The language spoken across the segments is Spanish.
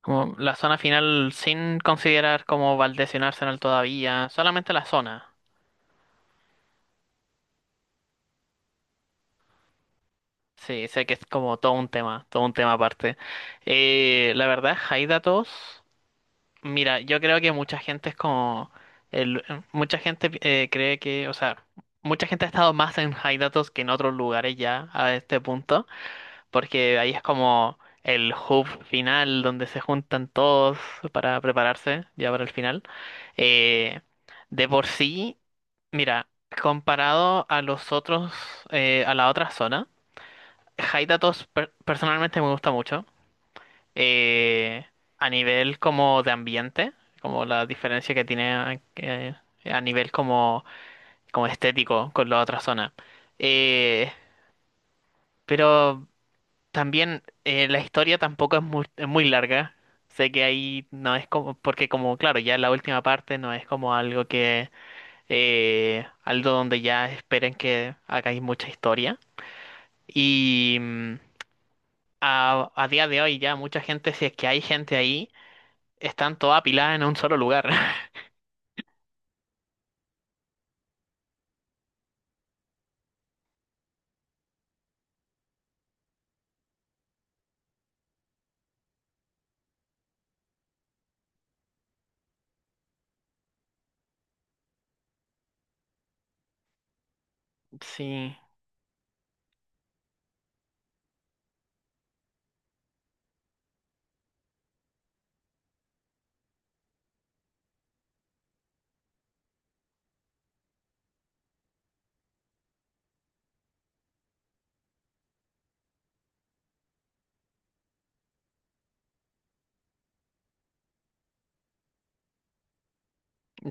Como la zona final sin considerar como Valdés y un Arsenal todavía, solamente la zona. Sí, sé que es como todo un tema aparte. La verdad, Haidatos, mira, yo creo que mucha gente es como, el- mucha gente cree que, o sea, mucha gente ha estado más en Haidatos que en otros lugares ya a este punto, porque ahí es como el hub final donde se juntan todos para prepararse ya para el final. Eh, de por sí. Mira, comparado a los otros, a la otra zona, Haidatos personalmente me gusta mucho. Eh, a nivel como de ambiente, como la diferencia que tiene a nivel como, como estético con la otra zona. Eh, pero también la historia tampoco es muy, es muy larga. Sé que ahí no es como, porque como, claro, ya la última parte no es como algo que algo donde ya esperen que hagáis mucha historia. Y a día de hoy ya mucha gente, si es que hay gente ahí, están todas apiladas en un solo lugar. Sí,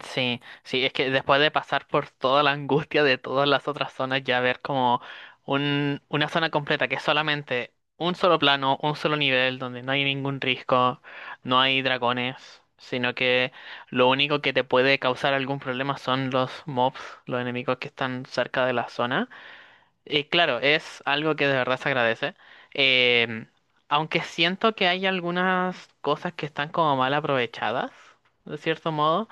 sí, sí, es que después de pasar por toda la angustia de todas las otras zonas, ya ver como un, una zona completa que es solamente un solo plano, un solo nivel, donde no hay ningún risco, no hay dragones, sino que lo único que te puede causar algún problema son los mobs, los enemigos que están cerca de la zona. Y claro, es algo que de verdad se agradece. Em, Aunque siento que hay algunas cosas que están como mal aprovechadas, de cierto modo,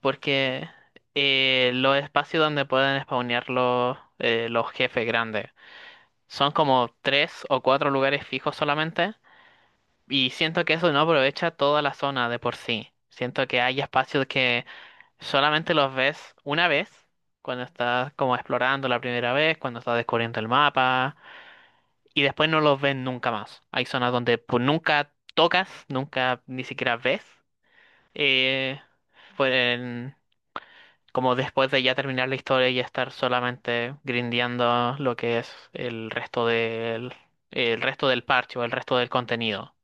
porque los espacios donde pueden spawnear los jefes grandes son como tres o cuatro lugares fijos solamente, y siento que eso no aprovecha toda la zona de por sí. Siento que hay espacios que solamente los ves una vez, cuando estás como explorando la primera vez, cuando estás descubriendo el mapa y después no los ven nunca más. Hay zonas donde pues nunca tocas, nunca ni siquiera ves. Eh, pues, como después de ya terminar la historia y estar solamente grindeando lo que es el resto del parche o el resto del contenido.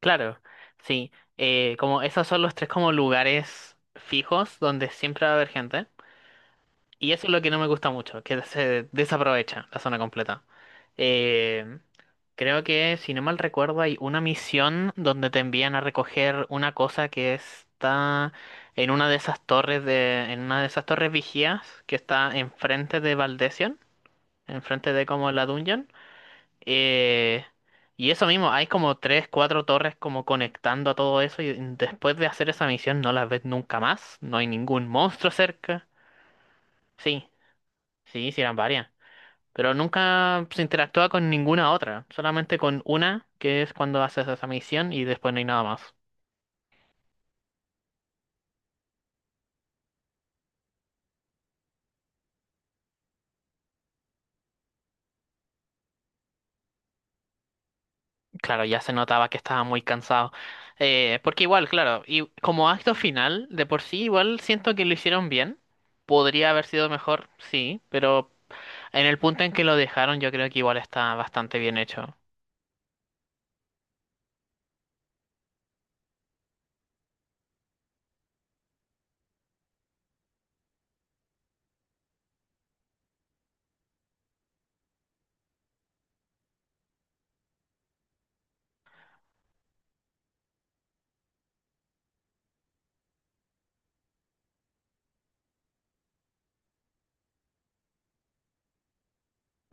Claro, sí. Como esos son los tres como lugares fijos donde siempre va a haber gente. Y eso es lo que no me gusta mucho, que se desaprovecha la zona completa. Eh, Creo que, si no mal recuerdo, hay una misión donde te envían a recoger una cosa que está en una de esas torres vigías que está enfrente de Valdesion, enfrente de como la dungeon. Eh, y eso mismo, hay como tres, cuatro torres como conectando a todo eso y después de hacer esa misión no las ves nunca más, no hay ningún monstruo cerca. Sí, sí, sí eran varias. Pero nunca se interactúa con ninguna otra, solamente con una, que es cuando haces esa misión y después no hay nada más. Claro, ya se notaba que estaba muy cansado. Porque igual, claro, y como acto final, de por sí igual siento que lo hicieron bien. Podría haber sido mejor, sí, pero en el punto en que lo dejaron yo creo que igual está bastante bien hecho.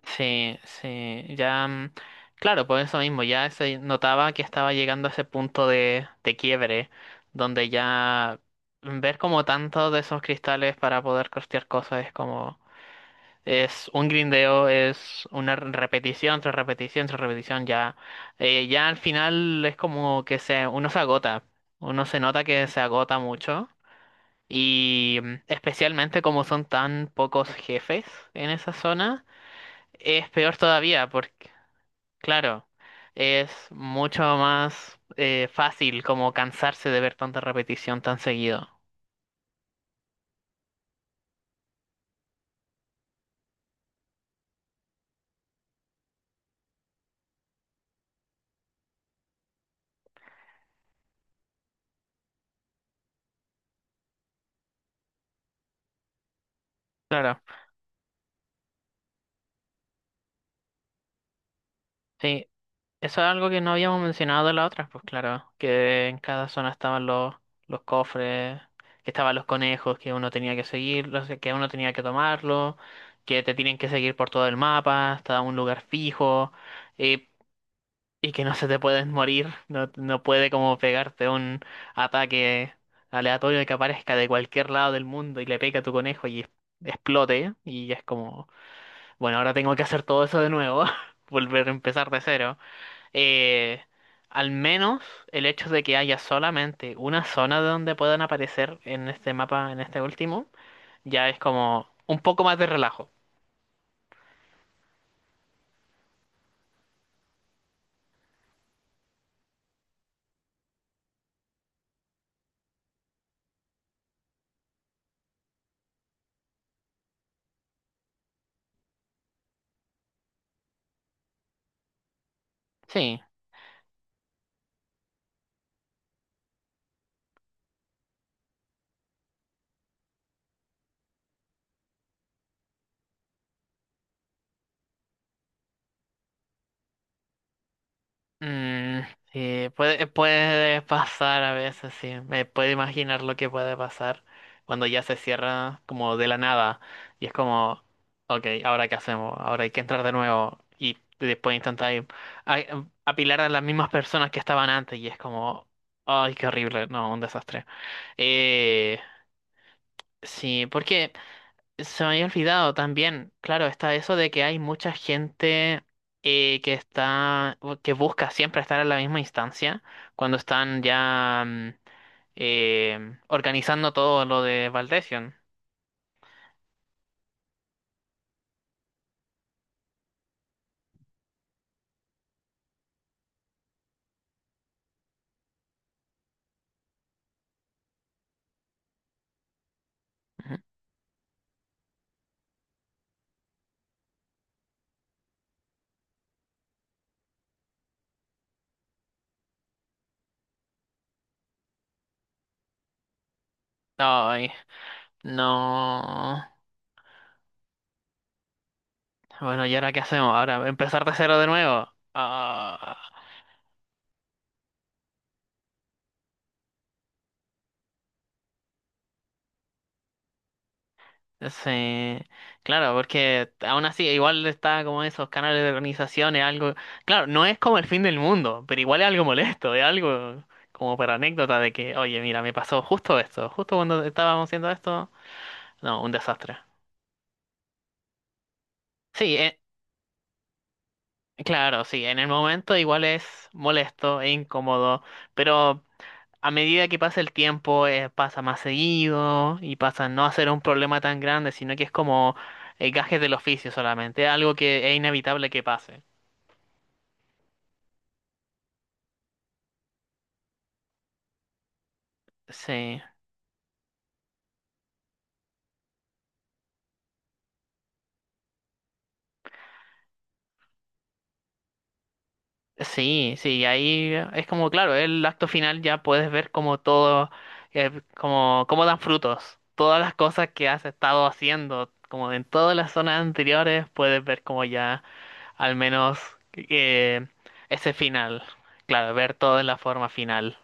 Sí, sí, ya, claro, por eso mismo, ya se notaba que estaba llegando a ese punto de quiebre, donde ya ver como tantos de esos cristales para poder costear cosas es como, es un grindeo, es una repetición tras repetición tras repetición, ya, ya al final es como que se, uno se agota, uno se nota que se agota mucho, y especialmente como son tan pocos jefes en esa zona. Es peor todavía porque, claro, es mucho más fácil como cansarse de ver tanta repetición tan seguido. Claro, sí, eso es algo que no habíamos mencionado de la otra, pues claro, que en cada zona estaban los cofres, que estaban los conejos que uno tenía que seguir, los que uno tenía que tomarlo, que te tienen que seguir por todo el mapa hasta un lugar fijo. Eh, Y que no se te pueden morir, no, no puede como pegarte un ataque aleatorio que aparezca de cualquier lado del mundo y le pegue a tu conejo y explote. Y es como, bueno, ahora tengo que hacer todo eso de nuevo, volver a empezar de cero. Eh, Al menos el hecho de que haya solamente una zona de donde puedan aparecer en este mapa, en este último, ya es como un poco más de relajo. Sí. Mm, sí, puede, puede pasar a veces, sí. Me puedo imaginar lo que puede pasar cuando ya se cierra como de la nada. Y es como, ok, ¿ahora qué hacemos? Ahora hay que entrar de nuevo. Y después intentar ir apilar a las mismas personas que estaban antes. Y es como, ay, qué horrible. No, un desastre. Eh, sí, porque se me había olvidado también, claro, está eso de que hay mucha gente que está, o que busca siempre estar en la misma instancia cuando están ya organizando todo lo de Valdesion. Ujú. Ay, no. Bueno, ¿y ahora qué hacemos? Ahora empezar de cero de nuevo. Ah. Sí, claro, porque aún así, igual está como esos canales de organización, es algo, claro, no es como el fin del mundo, pero igual es algo molesto, es algo como para anécdota de que, oye, mira, me pasó justo esto, justo cuando estábamos haciendo esto, no, un desastre. Sí, claro, sí, en el momento igual es molesto e incómodo, pero a medida que pasa el tiempo, pasa más seguido y pasa a no a ser un problema tan grande, sino que es como gajes del oficio solamente, algo que es inevitable que pase. Sí, sí, sí, ahí es como, claro, el acto final ya puedes ver como todo, como, cómo dan frutos, todas las cosas que has estado haciendo, como en todas las zonas anteriores, puedes ver como ya al menos eh, ese final, claro, ver todo en la forma final.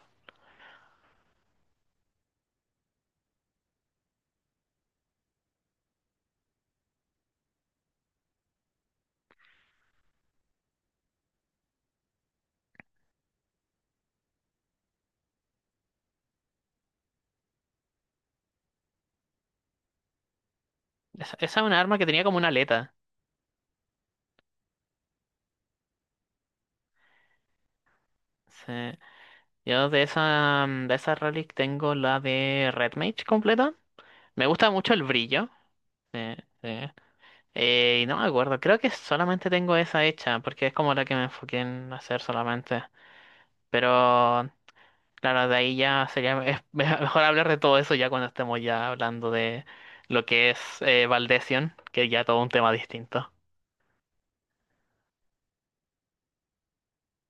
Esa es una arma que tenía como una aleta. Sí. Yo de esa, de esa relic tengo la de Red Mage completa. Me gusta mucho el brillo. Sí, sí. Y no me acuerdo, creo que solamente tengo esa hecha, porque es como la que me enfoqué en hacer solamente. Pero claro, de ahí ya sería es mejor hablar de todo eso ya cuando estemos ya hablando de lo que es Valdesion, que ya todo un tema distinto.